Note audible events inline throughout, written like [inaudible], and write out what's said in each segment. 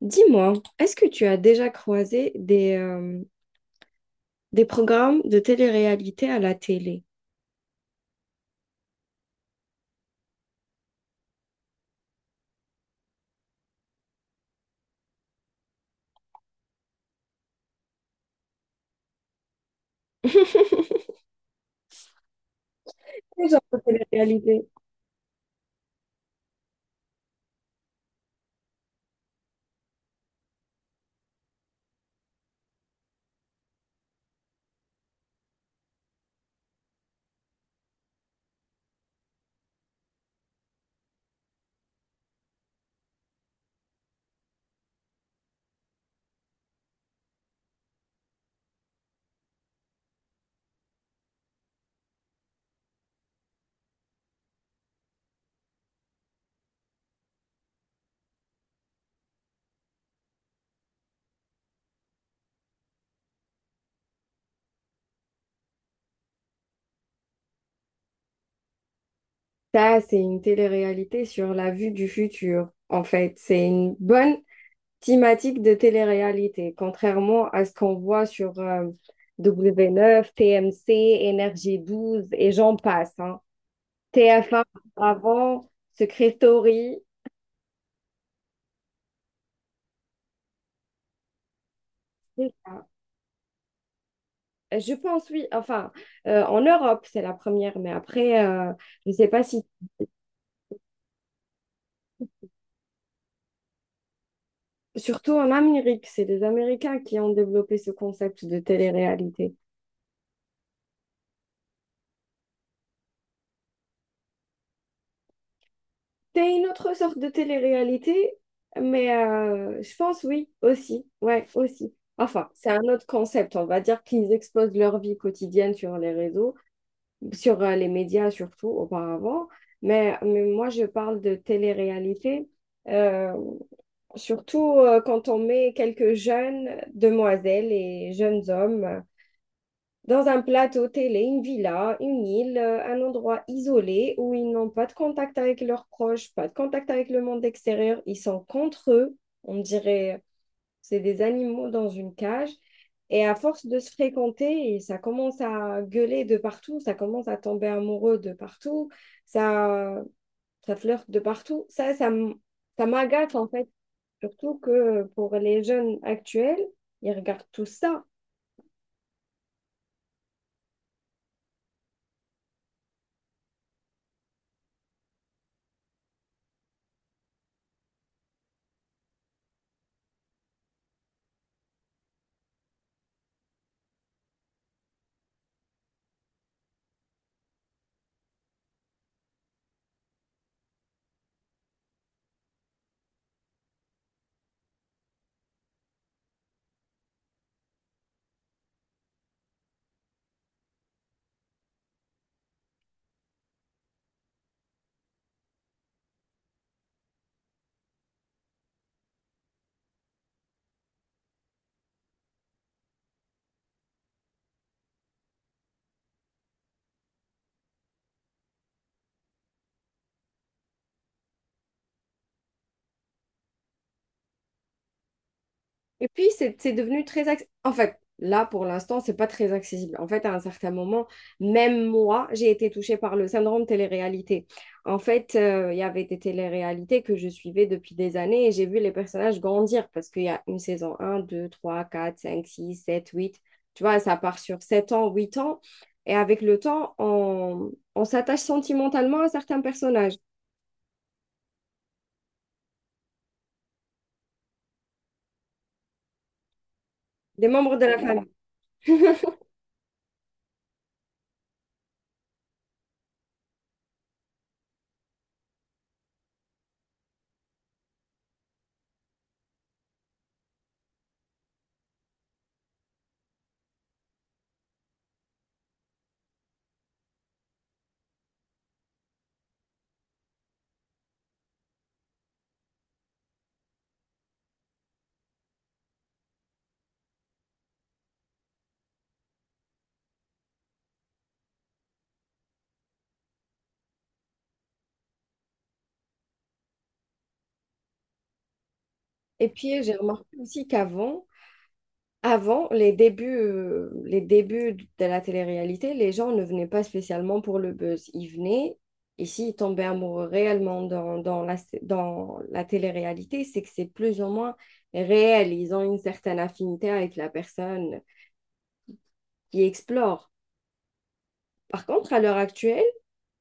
Dis-moi, est-ce que tu as déjà croisé des programmes de télé-réalité à la télé? [laughs] Quel genre de télé-réalité? Ça, c'est une télé-réalité sur la vue du futur, en fait. C'est une bonne thématique de télé-réalité, contrairement à ce qu'on voit sur W9, TMC, Énergie Douze et j'en passe, hein. TF1 avant, Secret Story. C'est ça. Je pense, oui. Enfin, en Europe, c'est la première, mais après, je ne sais pas si, surtout en Amérique, c'est les Américains qui ont développé ce concept de télé-réalité. C'est une autre sorte de télé-réalité, mais je pense, oui, aussi. Ouais, aussi. Enfin, c'est un autre concept. On va dire qu'ils exposent leur vie quotidienne sur les réseaux, sur les médias surtout, auparavant. Mais moi, je parle de télé-réalité. Euh, surtout quand on met quelques jeunes demoiselles et jeunes hommes dans un plateau télé, une villa, une île, un endroit isolé où ils n'ont pas de contact avec leurs proches, pas de contact avec le monde extérieur, ils sont contre eux, on dirait c'est des animaux dans une cage. Et à force de se fréquenter, ça commence à gueuler de partout, ça commence à tomber amoureux de partout, ça, ça flirte de partout. Ça m'agace en fait. Surtout que pour les jeunes actuels, ils regardent tout ça. Et puis, c'est devenu En fait, là, pour l'instant, c'est pas très accessible. En fait, à un certain moment, même moi, j'ai été touchée par le syndrome télé-réalité. En fait, il y avait des télé-réalités que je suivais depuis des années et j'ai vu les personnages grandir parce qu'il y a une saison un 2 3 4 5 6 7 huit. Tu vois, ça part sur 7 ans, 8 ans. Et avec le temps, on s'attache sentimentalement à certains personnages, des membres de la famille. Et puis, j'ai remarqué aussi qu'avant, avant, les débuts de la télé-réalité, les gens ne venaient pas spécialement pour le buzz. Ils venaient, et s'ils tombaient amoureux réellement dans la télé-réalité, c'est que c'est plus ou moins réel. Ils ont une certaine affinité avec la personne qui explore. Par contre, à l'heure actuelle,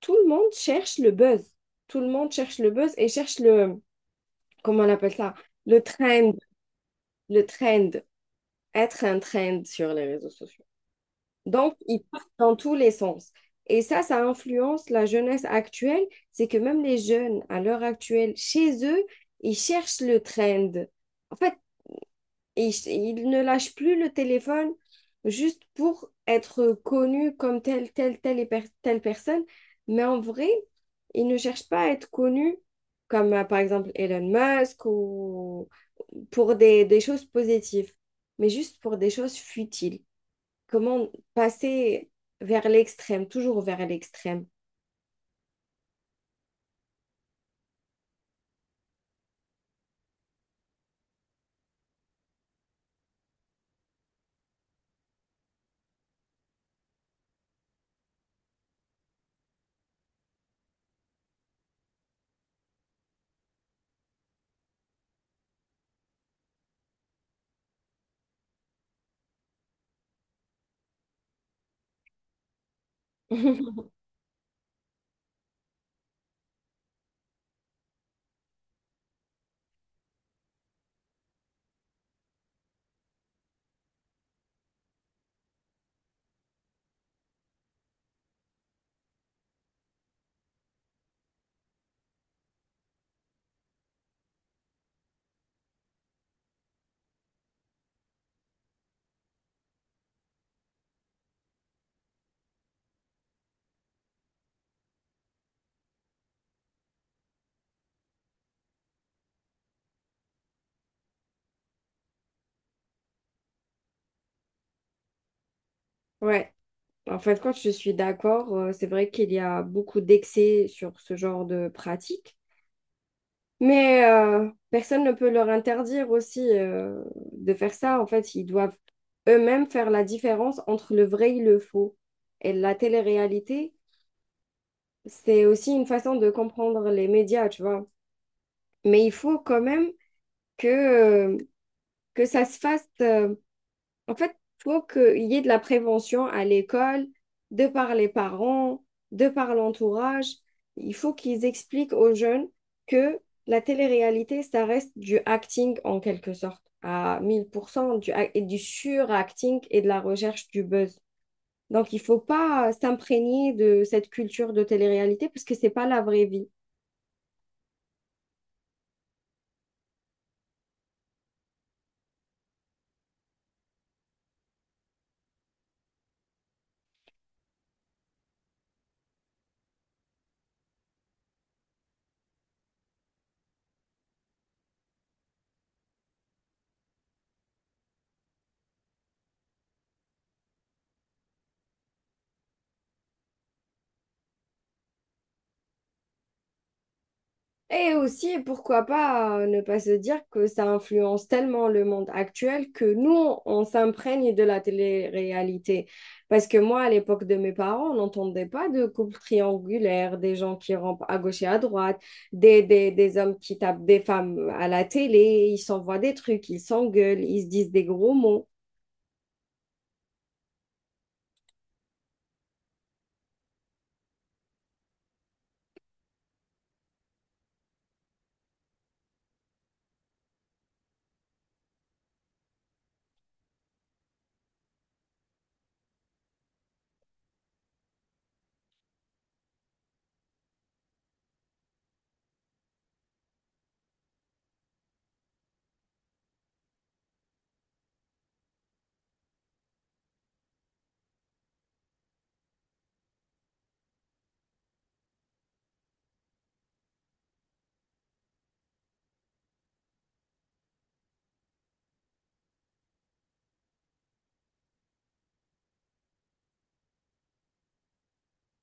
tout le monde cherche le buzz. Tout le monde cherche le buzz et cherche le, comment on appelle ça? Le trend, le trend, être un trend sur les réseaux sociaux. Donc, ils partent dans tous les sens. Et ça influence la jeunesse actuelle. C'est que même les jeunes, à l'heure actuelle, chez eux, ils cherchent le trend. En fait, ils ne lâchent plus le téléphone juste pour être connus comme telle personne. Mais en vrai, ils ne cherchent pas à être connus comme, par exemple, Elon Musk ou pour des choses positives, mais juste pour des choses futiles. Comment passer vers l'extrême, toujours vers l'extrême. [laughs] Ouais, en fin de compte, je suis d'accord. C'est vrai qu'il y a beaucoup d'excès sur ce genre de pratique. Mais personne ne peut leur interdire aussi de faire ça. En fait, ils doivent eux-mêmes faire la différence entre le vrai et le faux. Et la télé-réalité, c'est aussi une façon de comprendre les médias, tu vois. Mais il faut quand même que, euh, que ça se fasse. En fait, il faut qu'il y ait de la prévention à l'école, de par les parents, de par l'entourage. Il faut qu'ils expliquent aux jeunes que la télé-réalité, ça reste du acting en quelque sorte, à 1000% du, et du suracting et de la recherche du buzz. Donc, il ne faut pas s'imprégner de cette culture de télé-réalité parce que ce n'est pas la vraie vie. Et aussi, pourquoi pas ne pas se dire que ça influence tellement le monde actuel que nous, on s'imprègne de la télé-réalité. Parce que moi, à l'époque de mes parents, on n'entendait pas de couple triangulaire, des gens qui rampent à gauche et à droite, des hommes qui tapent des femmes à la télé, ils s'envoient des trucs, ils s'engueulent, ils se disent des gros mots.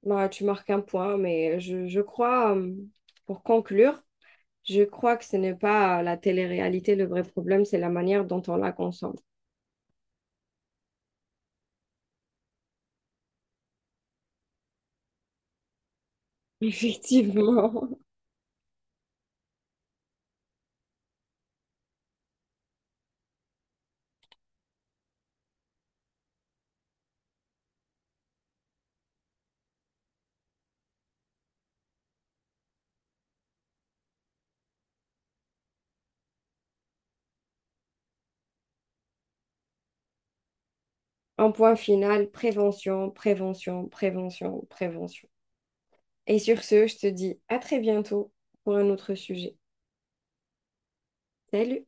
Bah, tu marques un point, mais je crois, pour conclure, je crois que ce n'est pas la télé-réalité le vrai problème, c'est la manière dont on la consomme. Effectivement. Un point final, prévention, prévention, prévention, prévention. Et sur ce, je te dis à très bientôt pour un autre sujet. Salut!